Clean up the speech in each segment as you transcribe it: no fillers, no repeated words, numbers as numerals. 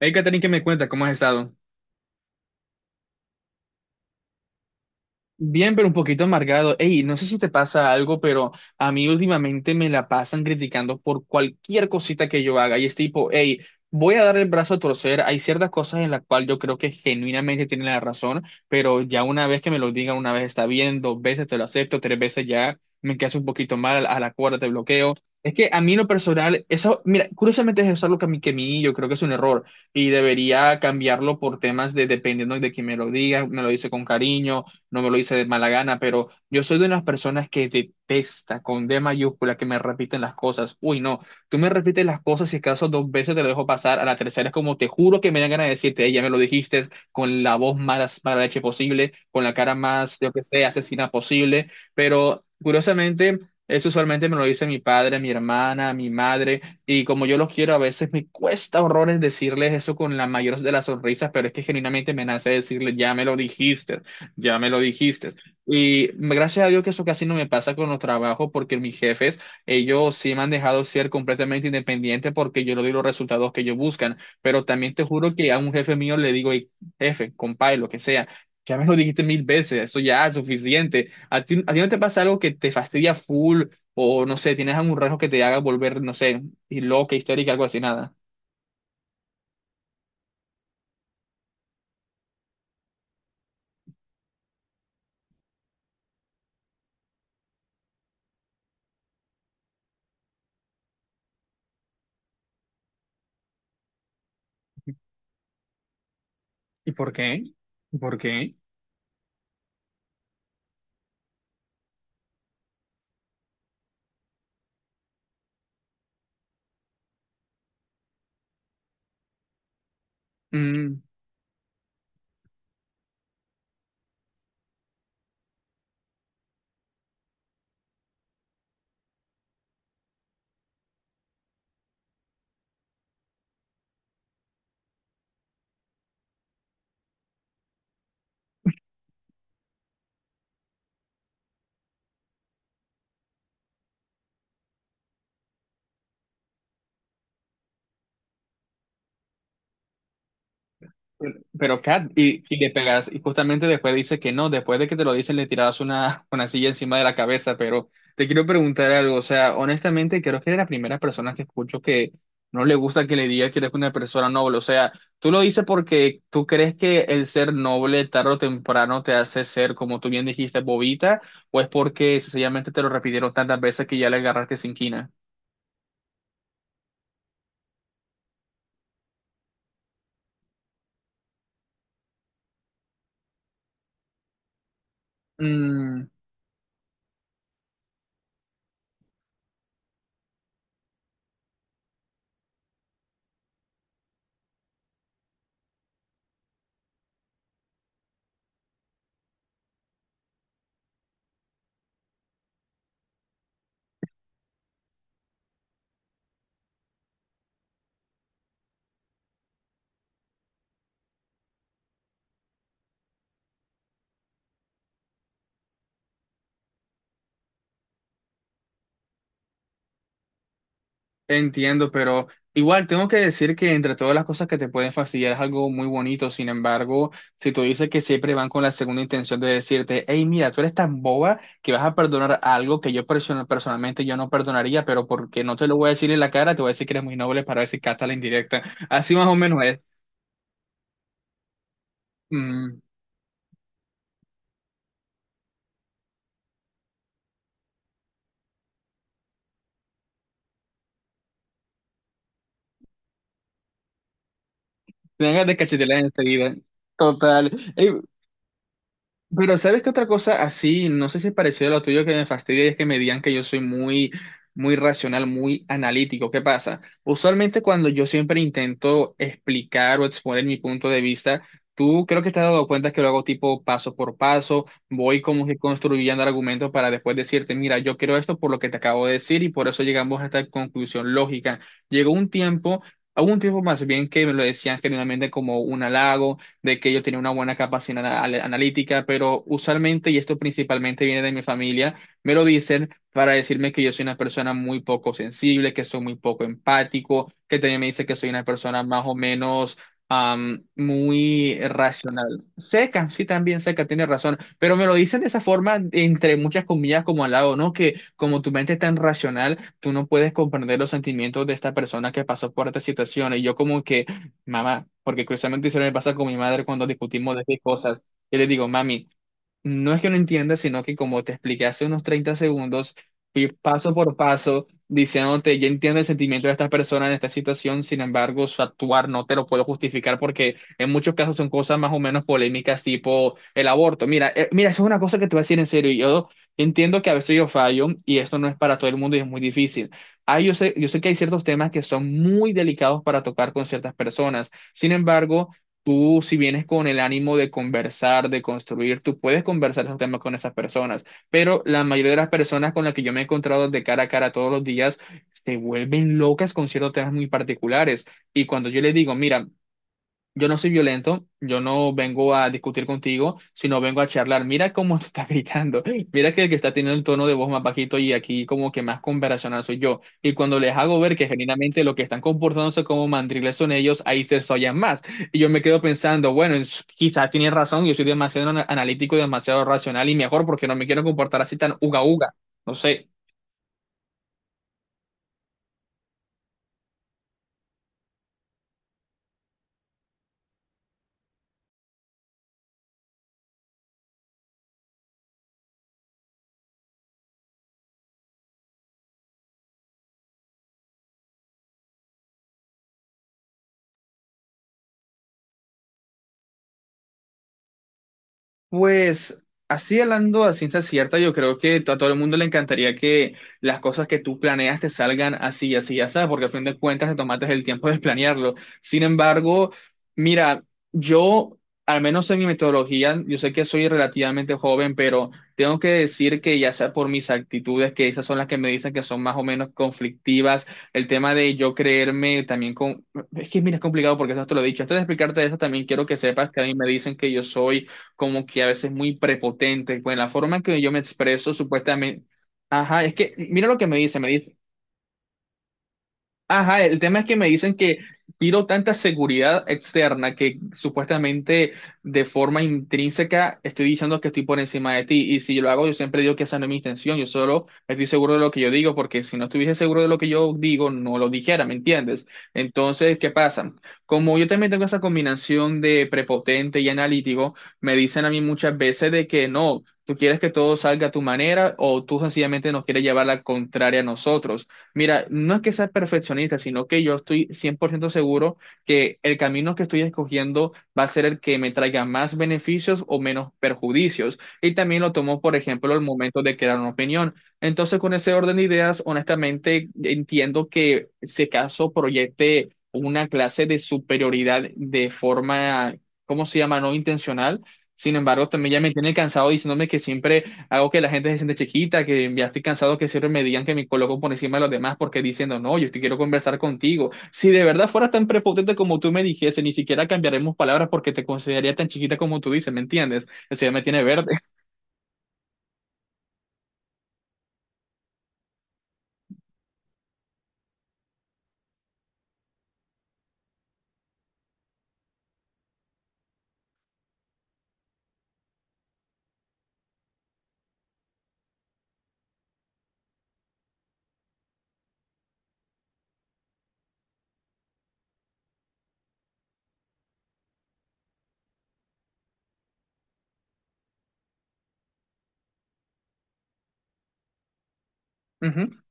Hey, Catherine, ¿que me cuenta? ¿Cómo has estado? Bien, pero un poquito amargado. Ey, no sé si te pasa algo, pero a mí últimamente me la pasan criticando por cualquier cosita que yo haga. Y es tipo, hey, voy a dar el brazo a torcer. Hay ciertas cosas en las cuales yo creo que genuinamente tienen la razón, pero ya una vez que me lo digan, una vez está bien, dos veces te lo acepto, tres veces ya me quedas un poquito mal, a la cuarta te bloqueo. Es que a mí en lo personal, eso, mira, curiosamente es algo que a mí yo creo que es un error y debería cambiarlo por temas de dependiendo de quién me lo diga, me lo dice con cariño, no me lo hice de mala gana, pero yo soy de las personas que detesta con D mayúscula que me repiten las cosas. Uy, no, tú me repites las cosas, si acaso dos veces te lo dejo pasar, a la tercera es como te juro que me dan ganas de decirte, "Ey, ya me lo dijiste", con la voz más mala leche posible, con la cara más, yo que sé, asesina posible, pero curiosamente... Eso usualmente me lo dice mi padre, mi hermana, mi madre, y como yo los quiero, a veces me cuesta horrores decirles eso con la mayor de las sonrisas, pero es que genuinamente me nace decirles, ya me lo dijiste. Ya me lo dijiste. Y gracias a Dios que eso casi no me pasa con los trabajos porque mis jefes, ellos sí me han dejado ser completamente independiente porque yo le doy los resultados que ellos buscan. Pero también te juro que a un jefe mío le digo, "Ey, jefe, compadre, lo que sea, ya me lo dijiste mil veces, eso ya es suficiente". ¿A ti no te pasa algo que te fastidia full o no sé, tienes algún rasgo que te haga volver, no sé, y loca, histérica, algo así, nada? ¿Y por qué? ¿Y por qué? Pero Kat, y le pegas, y justamente después dice que no, después de que te lo dicen le tirabas una silla encima de la cabeza, pero te quiero preguntar algo, o sea, honestamente creo que eres la primera persona que escucho que no le gusta que le diga que eres una persona noble, o sea, tú lo dices porque tú crees que el ser noble tarde o temprano te hace ser, como tú bien dijiste, bobita, o es porque sencillamente te lo repitieron tantas veces que ya le agarraste sin quina. Entiendo, pero igual tengo que decir que entre todas las cosas que te pueden fastidiar es algo muy bonito. Sin embargo, si tú dices que siempre van con la segunda intención de decirte, hey, mira, tú eres tan boba que vas a perdonar algo que yo personalmente yo no perdonaría, pero porque no te lo voy a decir en la cara, te voy a decir que eres muy noble para ver si captas la indirecta. Así más o menos es. Mm, tengas de cachetear enseguida. Total. Ey, pero ¿sabes qué otra cosa así? No sé si es parecido a lo tuyo que me fastidia y es que me digan que yo soy muy racional, muy analítico. ¿Qué pasa? Usualmente cuando yo siempre intento explicar o exponer mi punto de vista, tú creo que te has dado cuenta que lo hago tipo paso por paso, voy como que construyendo argumentos para después decirte, mira, yo creo esto por lo que te acabo de decir y por eso llegamos a esta conclusión lógica. Llegó un tiempo... Hubo un tiempo más bien que me lo decían generalmente como un halago, de que yo tenía una buena capacidad analítica, pero usualmente, y esto principalmente viene de mi familia, me lo dicen para decirme que yo soy una persona muy poco sensible, que soy muy poco empático, que también me dice que soy una persona más o menos muy racional. Seca, sí, también seca, tiene razón, pero me lo dicen de esa forma, entre muchas comillas, como al lado, ¿no? Que como tu mente es tan racional, tú no puedes comprender los sentimientos de esta persona que pasó por esta situación. Y yo como que mamá, porque curiosamente hicieron el pasar con mi madre cuando discutimos de qué cosas. Yo le digo, mami, no es que no entiendas, sino que como te expliqué hace unos 30 segundos, fui paso por paso diciéndote, yo entiendo el sentimiento de esta persona en esta situación, sin embargo, su actuar no te lo puedo justificar porque en muchos casos son cosas más o menos polémicas, tipo el aborto. Mira, mira, eso es una cosa que te voy a decir en serio. Y yo entiendo que a veces yo fallo y esto no es para todo el mundo y es muy difícil. Ah, yo sé que hay ciertos temas que son muy delicados para tocar con ciertas personas. Sin embargo, tú, si vienes con el ánimo de conversar, de construir, tú puedes conversar esos temas con esas personas, pero la mayoría de las personas con las que yo me he encontrado de cara a cara todos los días se vuelven locas con ciertos temas muy particulares. Y cuando yo les digo, mira, yo no soy violento, yo no vengo a discutir contigo, sino vengo a charlar. Mira cómo te está gritando, mira que el que está teniendo el tono de voz más bajito y aquí como que más conversacional soy yo. Y cuando les hago ver que genuinamente lo que están comportándose como mandriles son ellos, ahí se sollan más. Y yo me quedo pensando, bueno, quizás tienen razón, yo soy demasiado analítico y demasiado racional y mejor porque no me quiero comportar así tan uga uga. No sé. Pues así hablando a ciencia cierta, yo creo que a todo el mundo le encantaría que las cosas que tú planeas te salgan así, así, así, porque al fin de cuentas te tomaste el tiempo de planearlo. Sin embargo, mira, yo, al menos en mi metodología, yo sé que soy relativamente joven, pero tengo que decir que ya sea por mis actitudes, que esas son las que me dicen que son más o menos conflictivas, el tema de yo creerme también con... Es que mira, es complicado porque eso te lo he dicho. Antes de explicarte eso, también quiero que sepas que a mí me dicen que yo soy como que a veces muy prepotente, pues en la forma en que yo me expreso, supuestamente, ajá, es que mira lo que me dice, me dice. Ajá, el tema es que me dicen que tiro tanta seguridad externa que supuestamente de forma intrínseca estoy diciendo que estoy por encima de ti. Y si yo lo hago, yo siempre digo que esa no es mi intención. Yo solo estoy seguro de lo que yo digo, porque si no estuviese seguro de lo que yo digo, no lo dijera, ¿me entiendes? Entonces, ¿qué pasa? Como yo también tengo esa combinación de prepotente y analítico, me dicen a mí muchas veces de que no. Tú quieres que todo salga a tu manera o tú sencillamente nos quieres llevar la contraria a nosotros. Mira, no es que sea perfeccionista, sino que yo estoy 100% seguro que el camino que estoy escogiendo va a ser el que me traiga más beneficios o menos perjudicios. Y también lo tomo, por ejemplo, el momento de crear una opinión. Entonces, con ese orden de ideas, honestamente, entiendo que si caso proyecte una clase de superioridad de forma, ¿cómo se llama? No intencional. Sin embargo, también ya me tiene cansado diciéndome que siempre hago que la gente se siente chiquita, que ya estoy cansado que siempre me digan que me coloco por encima de los demás porque diciendo, no, yo te quiero conversar contigo. Si de verdad fueras tan prepotente como tú me dijese, ni siquiera cambiaremos palabras porque te consideraría tan chiquita como tú dices, ¿me entiendes? Eso ya me tiene verde.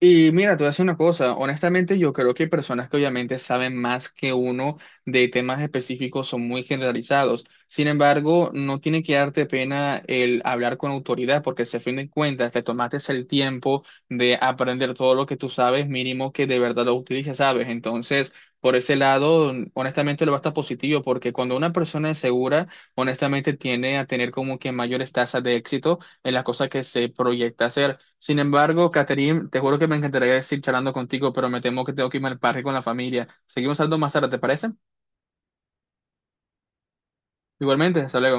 Y mira, te voy a decir una cosa, honestamente yo creo que hay personas que obviamente saben más que uno de temas específicos, son muy generalizados. Sin embargo, no tiene que darte pena el hablar con autoridad, porque si a fin de cuentas te tomaste el tiempo de aprender todo lo que tú sabes, mínimo que de verdad lo utilices, ¿sabes? Entonces, por ese lado, honestamente lo va a estar positivo, porque cuando una persona es segura, honestamente tiende a tener como que mayores tasas de éxito en las cosas que se proyecta hacer. Sin embargo, Catherine, te juro que me encantaría seguir charlando contigo, pero me temo que tengo que irme al parque con la familia. Seguimos hablando más tarde, ¿te parece? Igualmente, hasta luego.